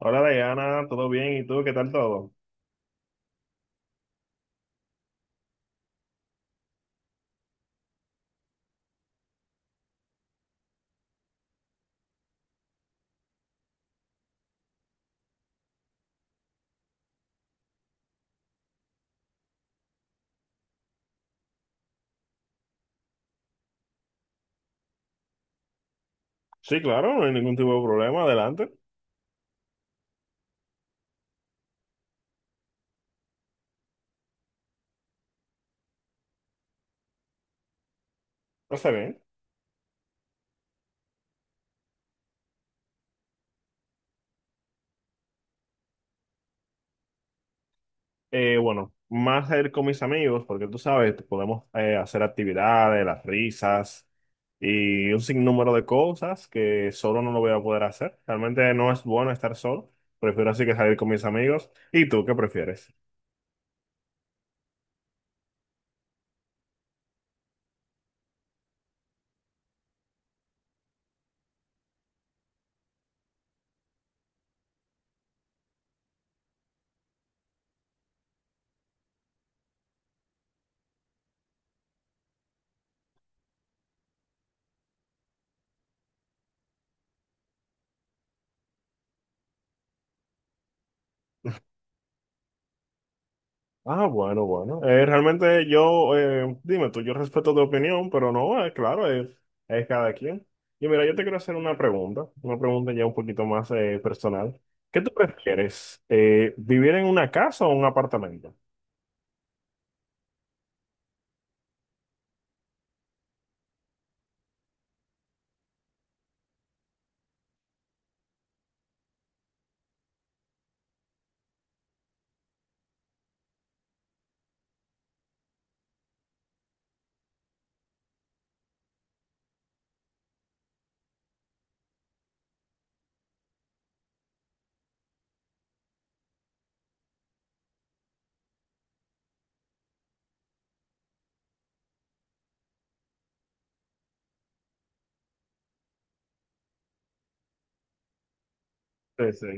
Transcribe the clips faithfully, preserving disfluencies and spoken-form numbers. Hola Diana, ¿todo bien? ¿Y tú qué tal todo? Sí, claro, no hay ningún tipo de problema, adelante. Está bien. Eh, bueno, más a ir con mis amigos, porque tú sabes, podemos eh, hacer actividades, las risas y un sinnúmero de cosas que solo no lo voy a poder hacer. Realmente no es bueno estar solo, prefiero así que salir con mis amigos. ¿Y tú qué prefieres? Ah, bueno, bueno. Eh, realmente yo, eh, dime tú, yo respeto tu opinión, pero no, eh, claro, es, es cada quien. Y mira, yo te quiero hacer una pregunta, una pregunta ya un poquito más eh, personal. ¿Qué tú prefieres, eh, vivir en una casa o un apartamento? Sí, sí.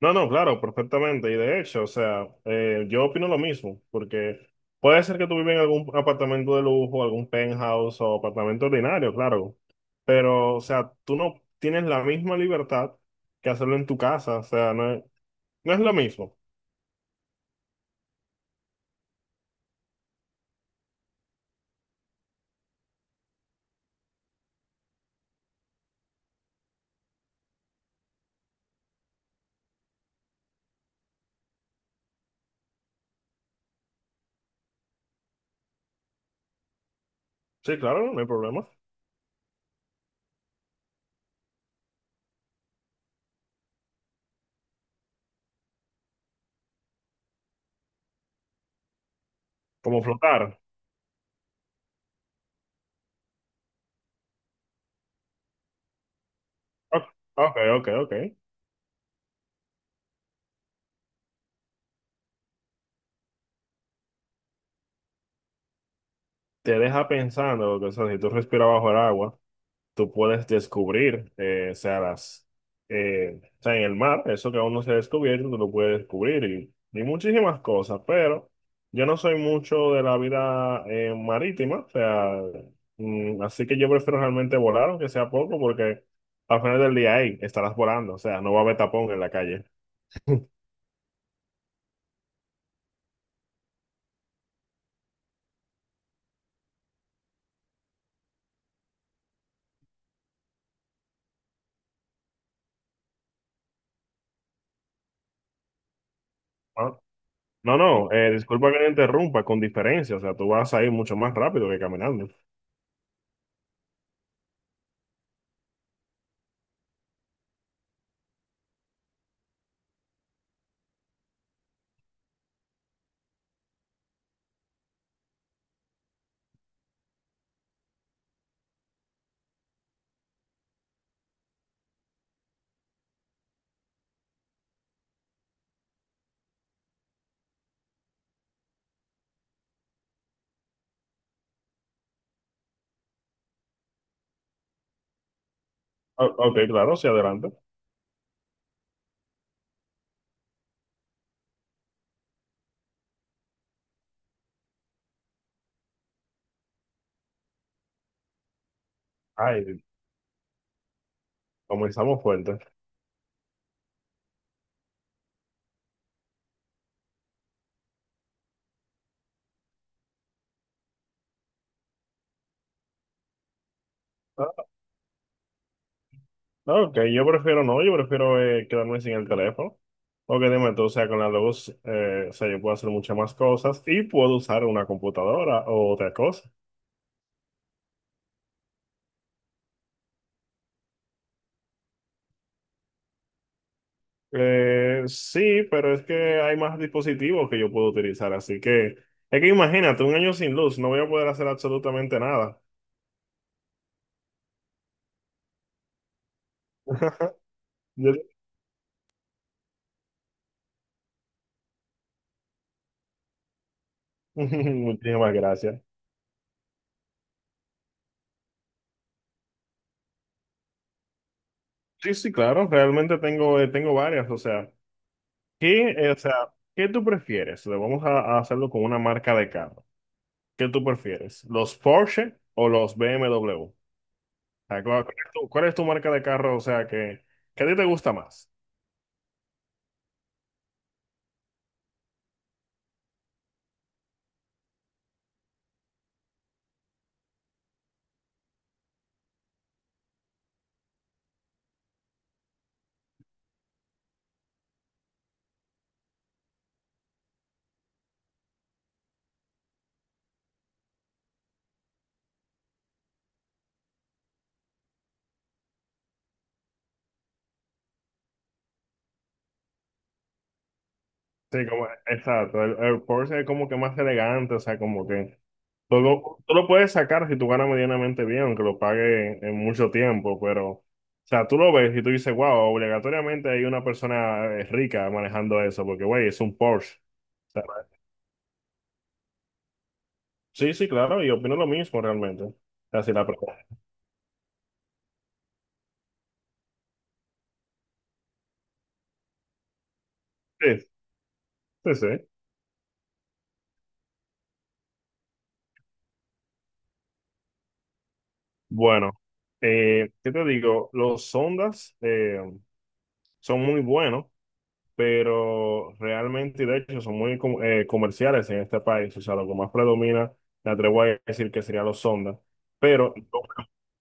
No, no, claro, perfectamente. Y de hecho, o sea, eh, yo opino lo mismo, porque puede ser que tú vivas en algún apartamento de lujo, algún penthouse o apartamento ordinario, claro, pero, o sea, tú no tienes la misma libertad que hacerlo en tu casa, o sea, no es, no es lo mismo. Sí, claro, no hay problema. Como flotar. Ok, ok, ok. Ok. Te deja pensando, porque, o sea, si tú respiras bajo el agua, tú puedes descubrir, eh, o sea, las, eh, o sea, en el mar, eso que aún no se ha descubierto, tú lo puedes descubrir y, y muchísimas cosas, pero yo no soy mucho de la vida eh, marítima, o sea, mm, así que yo prefiero realmente volar, aunque sea poco, porque al final del día ahí estarás volando, o sea, no va a haber tapón en la calle. No, no, no, eh, disculpa que te interrumpa, con diferencia, o sea, tú vas a ir mucho más rápido que caminando. O- ok, claro, sí, adelante. Ay, comenzamos fuerte. No, que yo prefiero no, yo prefiero eh, quedarme sin el teléfono. Porque dime tú, o sea, con la luz, eh, o sea, yo puedo hacer muchas más cosas y puedo usar una computadora o otra cosa. Eh, sí, pero es que hay más dispositivos que yo puedo utilizar, así que es que imagínate, un año sin luz, no voy a poder hacer absolutamente nada. Yo- muchísimas gracias. Sí, sí, claro, realmente tengo, eh, tengo varias, o sea, ¿qué, eh, o sea, ¿qué tú prefieres? Le vamos a, a hacerlo con una marca de carro. ¿Qué tú prefieres? ¿Los Porsche o los B M W? O sea, ¿cuál, ¿cuál es tu, cuál es tu marca de carro? O sea, que, que a ti te gusta más. Sí, como, exacto. El, el Porsche es como que más elegante, o sea, como que tú lo, tú lo puedes sacar si tú ganas medianamente bien, aunque lo pague en, en mucho tiempo, pero, o sea, tú lo ves y tú dices, wow, obligatoriamente hay una persona eh, rica manejando eso, porque, güey, es un Porsche. O sea, sí, sí, claro, y opino lo mismo realmente. Así la pregunta. Sí, sí, sí. Bueno, eh, ¿qué te digo? Los Sondas eh, son muy buenos, pero realmente, de hecho, son muy com- eh, comerciales en este país. O sea, lo que más predomina, me atrevo a decir que serían los Sondas. Pero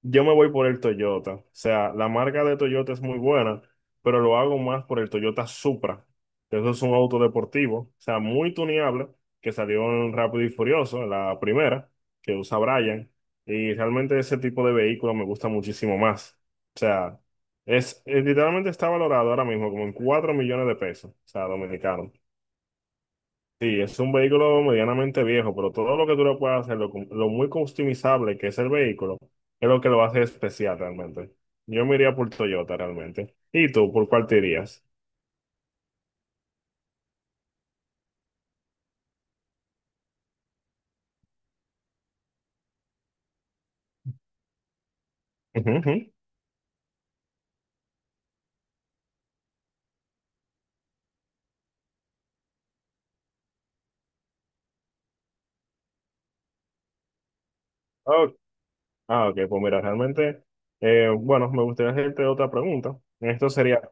yo me voy por el Toyota. O sea, la marca de Toyota es muy buena, pero lo hago más por el Toyota Supra. Eso es un auto deportivo, o sea, muy tuneable, que salió en Rápido y Furioso, la primera, que usa Brian. Y realmente ese tipo de vehículo me gusta muchísimo más. O sea, es, es- literalmente está valorado ahora mismo como en cuatro millones de pesos, o sea, dominicano. Sí, es un vehículo medianamente viejo, pero todo lo que tú le puedas hacer, lo, cum- lo muy customizable que es el vehículo, es lo que lo hace especial realmente. Yo me iría por Toyota realmente. ¿Y tú, por cuál te irías? Ujú, ujú. Ok. Ah, ok, pues mira, realmente, eh, bueno, me gustaría hacerte otra pregunta. Esto sería,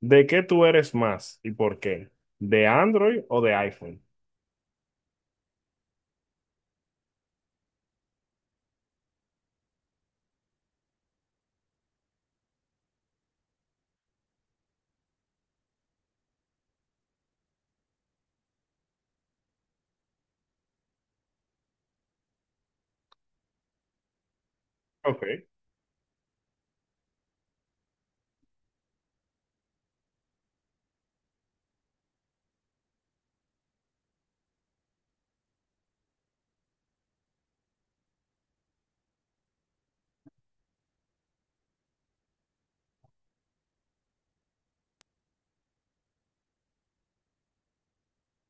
¿de qué tú eres más y por qué? ¿De Android o de iPhone? Ok.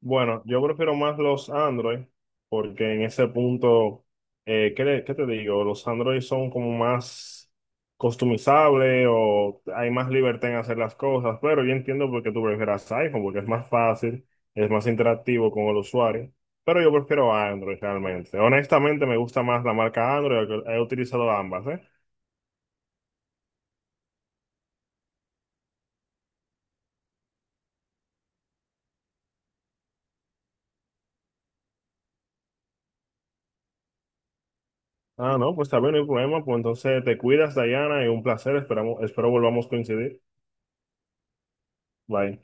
Bueno, yo prefiero más los Android porque en ese punto, eh, ¿qué, le- ¿qué te digo? Los Android son como más customizables o hay más libertad en hacer las cosas, pero yo entiendo por qué tú prefieras iPhone porque es más fácil, es más interactivo con el usuario, pero yo prefiero Android realmente. Honestamente me gusta más la marca Android, he he utilizado ambas, ¿eh? Ah, no, pues está bien, no hay problema, pues entonces te cuidas, Dayana, y un placer, esperamos, espero volvamos a coincidir. Bye.